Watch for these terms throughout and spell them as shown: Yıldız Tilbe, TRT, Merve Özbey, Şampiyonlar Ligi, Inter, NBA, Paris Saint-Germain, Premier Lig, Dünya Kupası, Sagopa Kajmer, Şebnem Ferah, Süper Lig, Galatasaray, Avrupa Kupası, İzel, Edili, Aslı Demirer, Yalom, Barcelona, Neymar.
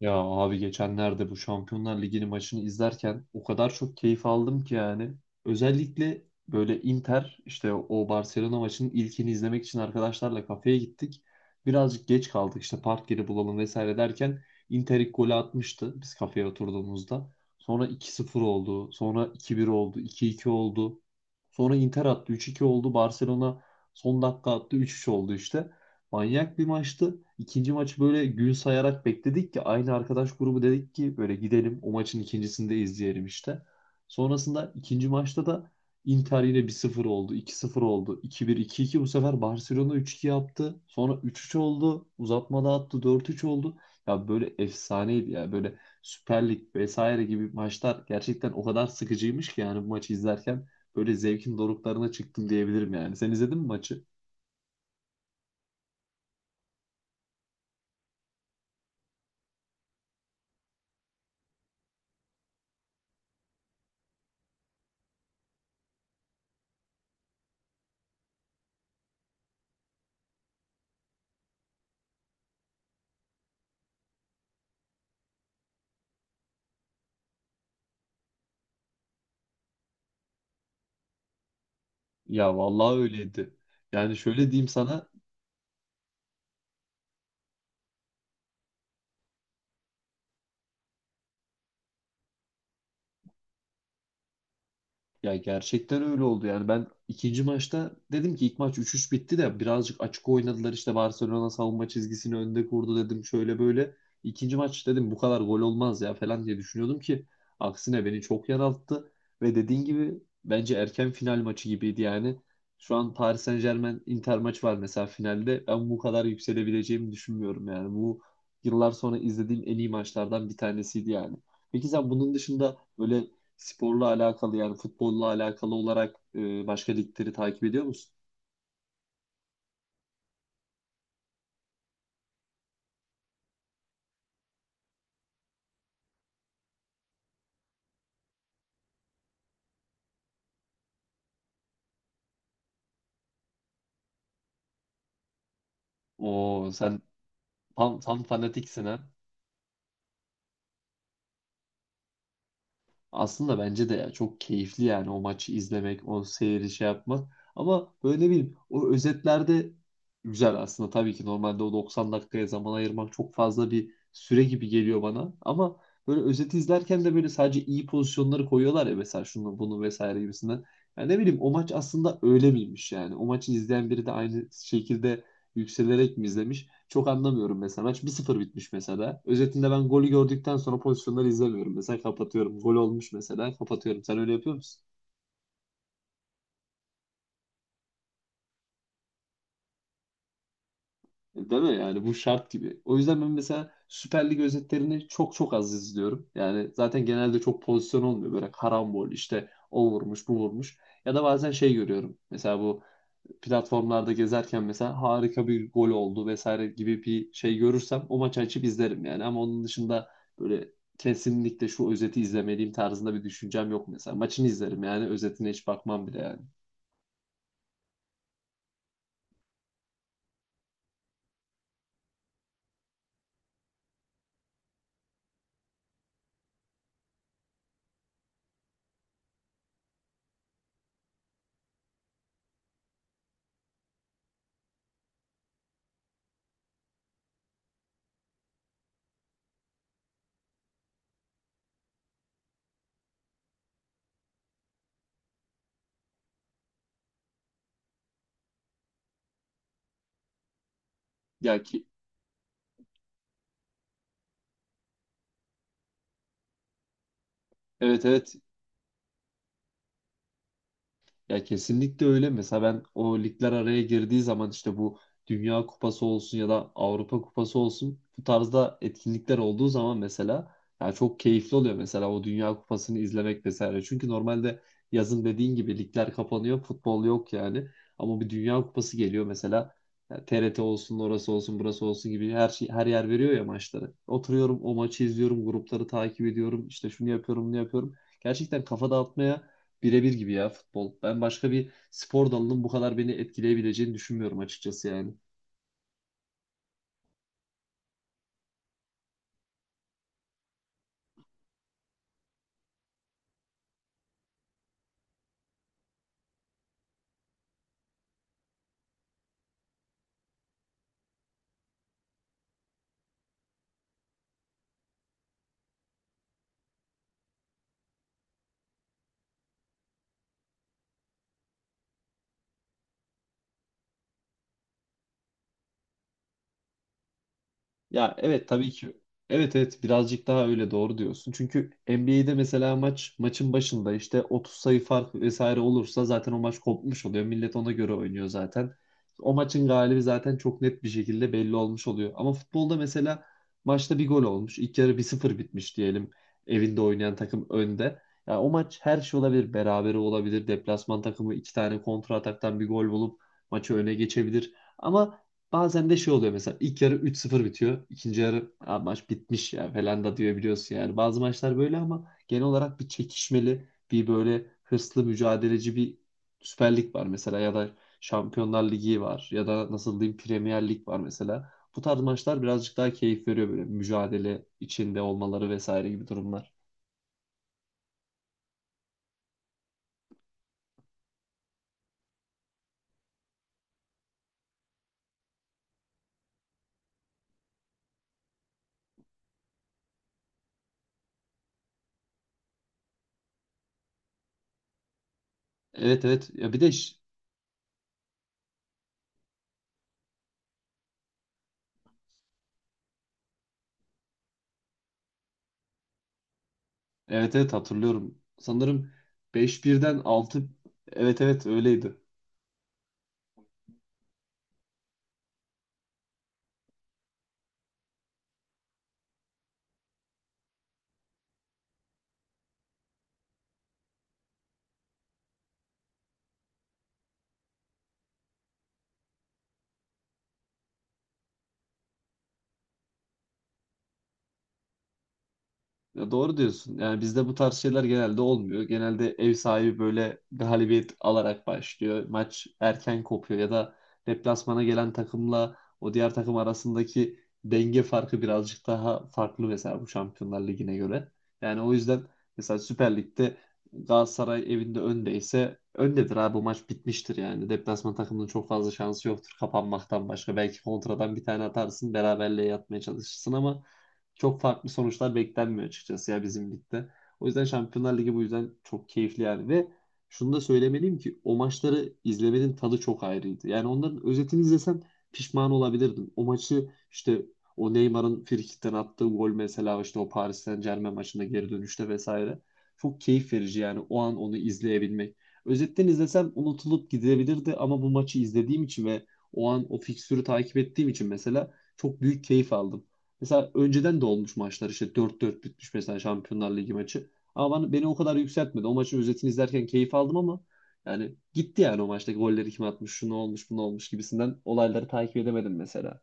Ya abi, geçenlerde bu Şampiyonlar Ligi'nin maçını izlerken o kadar çok keyif aldım ki, yani. Özellikle böyle Inter işte o Barcelona maçının ilkini izlemek için arkadaşlarla kafeye gittik. Birazcık geç kaldık, işte park yeri bulalım vesaire derken Inter ilk golü atmıştı biz kafeye oturduğumuzda. Sonra iki sıfır oldu, sonra 2-1 oldu, 2-2 oldu. Sonra Inter attı 3-2 oldu, Barcelona son dakika attı 3-3 oldu işte. Manyak bir maçtı. İkinci maçı böyle gün sayarak bekledik ki aynı arkadaş grubu dedik ki böyle gidelim o maçın ikincisini de izleyelim işte. Sonrasında ikinci maçta da Inter yine 1-0 oldu, 2-0 oldu, 2-1, 2-2, bu sefer Barcelona 3-2 yaptı. Sonra 3-3 oldu, uzatmada attı 4-3 oldu. Ya böyle efsaneydi, ya böyle Süper Lig vesaire gibi maçlar gerçekten o kadar sıkıcıymış ki, yani bu maçı izlerken böyle zevkin doruklarına çıktım diyebilirim yani. Sen izledin mi maçı? Ya vallahi öyleydi. Yani şöyle diyeyim sana. Ya gerçekten öyle oldu yani. Ben ikinci maçta dedim ki ilk maç 3-3 bitti de birazcık açık oynadılar işte, Barcelona savunma çizgisini önde kurdu, dedim şöyle böyle. İkinci maç dedim bu kadar gol olmaz ya falan diye düşünüyordum ki aksine beni çok yanılttı ve dediğin gibi bence erken final maçı gibiydi yani. Şu an Paris Saint-Germain Inter maç var mesela finalde, ben bu kadar yükselebileceğimi düşünmüyorum yani. Bu yıllar sonra izlediğim en iyi maçlardan bir tanesiydi yani. Peki sen bunun dışında böyle sporla alakalı, yani futbolla alakalı olarak başka ligleri takip ediyor musun? Oo sen tam, tam fanatiksin ha. Aslında bence de ya, çok keyifli yani o maçı izlemek, o seyri şey yapmak. Ama böyle ne bileyim o özetlerde güzel aslında. Tabii ki normalde o 90 dakikaya zaman ayırmak çok fazla bir süre gibi geliyor bana. Ama böyle özeti izlerken de böyle sadece iyi pozisyonları koyuyorlar ya, mesela şunu bunu vesaire gibisinden. Yani ne bileyim o maç aslında öyle miymiş yani. O maçı izleyen biri de aynı şekilde yükselerek mi izlemiş? Çok anlamıyorum mesela. Maç 1-0 bitmiş mesela. Özetinde ben golü gördükten sonra pozisyonları izlemiyorum. Mesela kapatıyorum. Gol olmuş mesela. Kapatıyorum. Sen öyle yapıyor musun? Değil mi? Yani bu şart gibi. O yüzden ben mesela Süper Lig özetlerini çok çok az izliyorum. Yani zaten genelde çok pozisyon olmuyor. Böyle karambol işte, o vurmuş bu vurmuş. Ya da bazen şey görüyorum. Mesela bu platformlarda gezerken mesela harika bir gol oldu vesaire gibi bir şey görürsem o maçı açıp izlerim yani. Ama onun dışında böyle kesinlikle şu özeti izlemeliyim tarzında bir düşüncem yok mesela. Maçını izlerim yani, özetine hiç bakmam bile yani. Ya ki Evet, evet. Ya kesinlikle öyle. Mesela ben o ligler araya girdiği zaman işte bu Dünya Kupası olsun ya da Avrupa Kupası olsun bu tarzda etkinlikler olduğu zaman mesela ya çok keyifli oluyor mesela o Dünya Kupası'nı izlemek vesaire. Çünkü normalde yazın dediğin gibi ligler kapanıyor, futbol yok yani. Ama bir Dünya Kupası geliyor mesela, ya TRT olsun, orası olsun, burası olsun gibi her şey her yer veriyor ya maçları. Oturuyorum o maçı izliyorum, grupları takip ediyorum, işte şunu yapıyorum, bunu yapıyorum. Gerçekten kafa dağıtmaya birebir gibi ya futbol. Ben başka bir spor dalının bu kadar beni etkileyebileceğini düşünmüyorum açıkçası yani. Ya evet tabii ki. Evet, evet, birazcık daha öyle, doğru diyorsun. Çünkü NBA'de mesela maç maçın başında işte 30 sayı fark vesaire olursa zaten o maç kopmuş oluyor. Millet ona göre oynuyor zaten. O maçın galibi zaten çok net bir şekilde belli olmuş oluyor. Ama futbolda mesela maçta bir gol olmuş. İlk yarı 1-0 bitmiş diyelim. Evinde oynayan takım önde. Ya o maç her şey olabilir. Berabere olabilir. Deplasman takımı iki tane kontra ataktan bir gol bulup maçı öne geçebilir. Ama bazen de şey oluyor mesela ilk yarı 3-0 bitiyor. İkinci yarı, "Aa, maç bitmiş ya" falan da diyor, biliyorsun yani. Bazı maçlar böyle ama genel olarak bir çekişmeli, bir böyle hırslı, mücadeleci bir Süper Lig var mesela, ya da Şampiyonlar Ligi var, ya da nasıl diyeyim Premier Lig var mesela. Bu tarz maçlar birazcık daha keyif veriyor, böyle mücadele içinde olmaları vesaire gibi durumlar. Evet, evet, ya bir de evet, evet, hatırlıyorum. Sanırım 5-1'den altı, evet evet öyleydi. Ya doğru diyorsun. Yani bizde bu tarz şeyler genelde olmuyor. Genelde ev sahibi böyle galibiyet alarak başlıyor. Maç erken kopuyor ya da deplasmana gelen takımla o diğer takım arasındaki denge farkı birazcık daha farklı mesela bu Şampiyonlar Ligi'ne göre. Yani o yüzden mesela Süper Lig'de Galatasaray evinde öndeyse öndedir abi, bu maç bitmiştir yani. Deplasman takımının çok fazla şansı yoktur kapanmaktan başka. Belki kontradan bir tane atarsın beraberliğe yatmaya çalışırsın ama çok farklı sonuçlar beklenmiyor açıkçası ya bizim ligde. O yüzden Şampiyonlar Ligi bu yüzden çok keyifli yani. Ve şunu da söylemeliyim ki o maçları izlemenin tadı çok ayrıydı. Yani onların özetini izlesem pişman olabilirdim. O maçı işte, o Neymar'ın frikikten attığı gol mesela, işte o Paris Saint-Germain maçında geri dönüşte vesaire, çok keyif verici yani o an onu izleyebilmek. Özetten izlesem unutulup gidebilirdi ama bu maçı izlediğim için ve o an o fikstürü takip ettiğim için mesela çok büyük keyif aldım. Mesela önceden de olmuş maçlar, işte 4-4 bitmiş mesela Şampiyonlar Ligi maçı. Ama beni o kadar yükseltmedi. O maçın özetini izlerken keyif aldım ama yani gitti yani, o maçtaki golleri kim atmış, şu ne olmuş, bu ne olmuş gibisinden olayları takip edemedim mesela.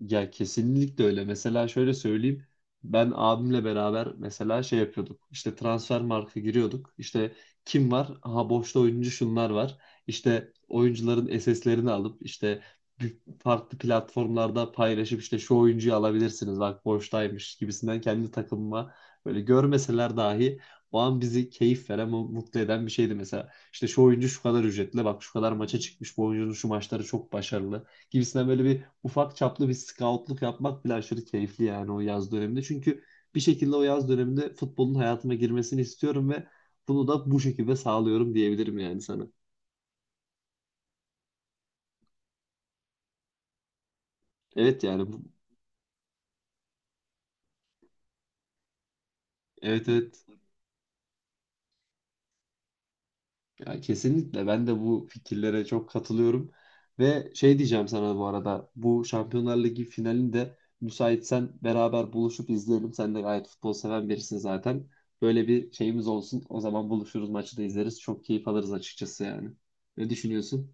Ya kesinlikle öyle. Mesela şöyle söyleyeyim. Ben abimle beraber mesela şey yapıyorduk. İşte transfer marka giriyorduk. İşte kim var? Aha, boşta oyuncu şunlar var. İşte oyuncuların SS'lerini alıp işte farklı platformlarda paylaşıp, işte şu oyuncuyu alabilirsiniz, bak boştaymış gibisinden kendi takımıma, böyle görmeseler dahi o an bizi keyif veren, mutlu eden bir şeydi mesela. İşte şu oyuncu şu kadar ücretli, bak şu kadar maça çıkmış, bu oyuncunun şu maçları çok başarılı gibisinden böyle bir ufak çaplı bir scoutluk yapmak bile aşırı keyifli yani o yaz döneminde. Çünkü bir şekilde o yaz döneminde futbolun hayatıma girmesini istiyorum ve bunu da bu şekilde sağlıyorum diyebilirim yani sana. Evet yani bu, evet, evet, ya kesinlikle ben de bu fikirlere çok katılıyorum. Ve şey diyeceğim sana bu arada, bu Şampiyonlar Ligi finalinde müsaitsen beraber buluşup izleyelim. Sen de gayet futbol seven birisin zaten. Böyle bir şeyimiz olsun. O zaman buluşuruz, maçı da izleriz. Çok keyif alırız açıkçası yani. Ne düşünüyorsun?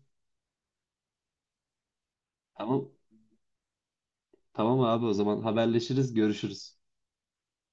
Tamam. Tamam abi, o zaman haberleşiriz, görüşürüz.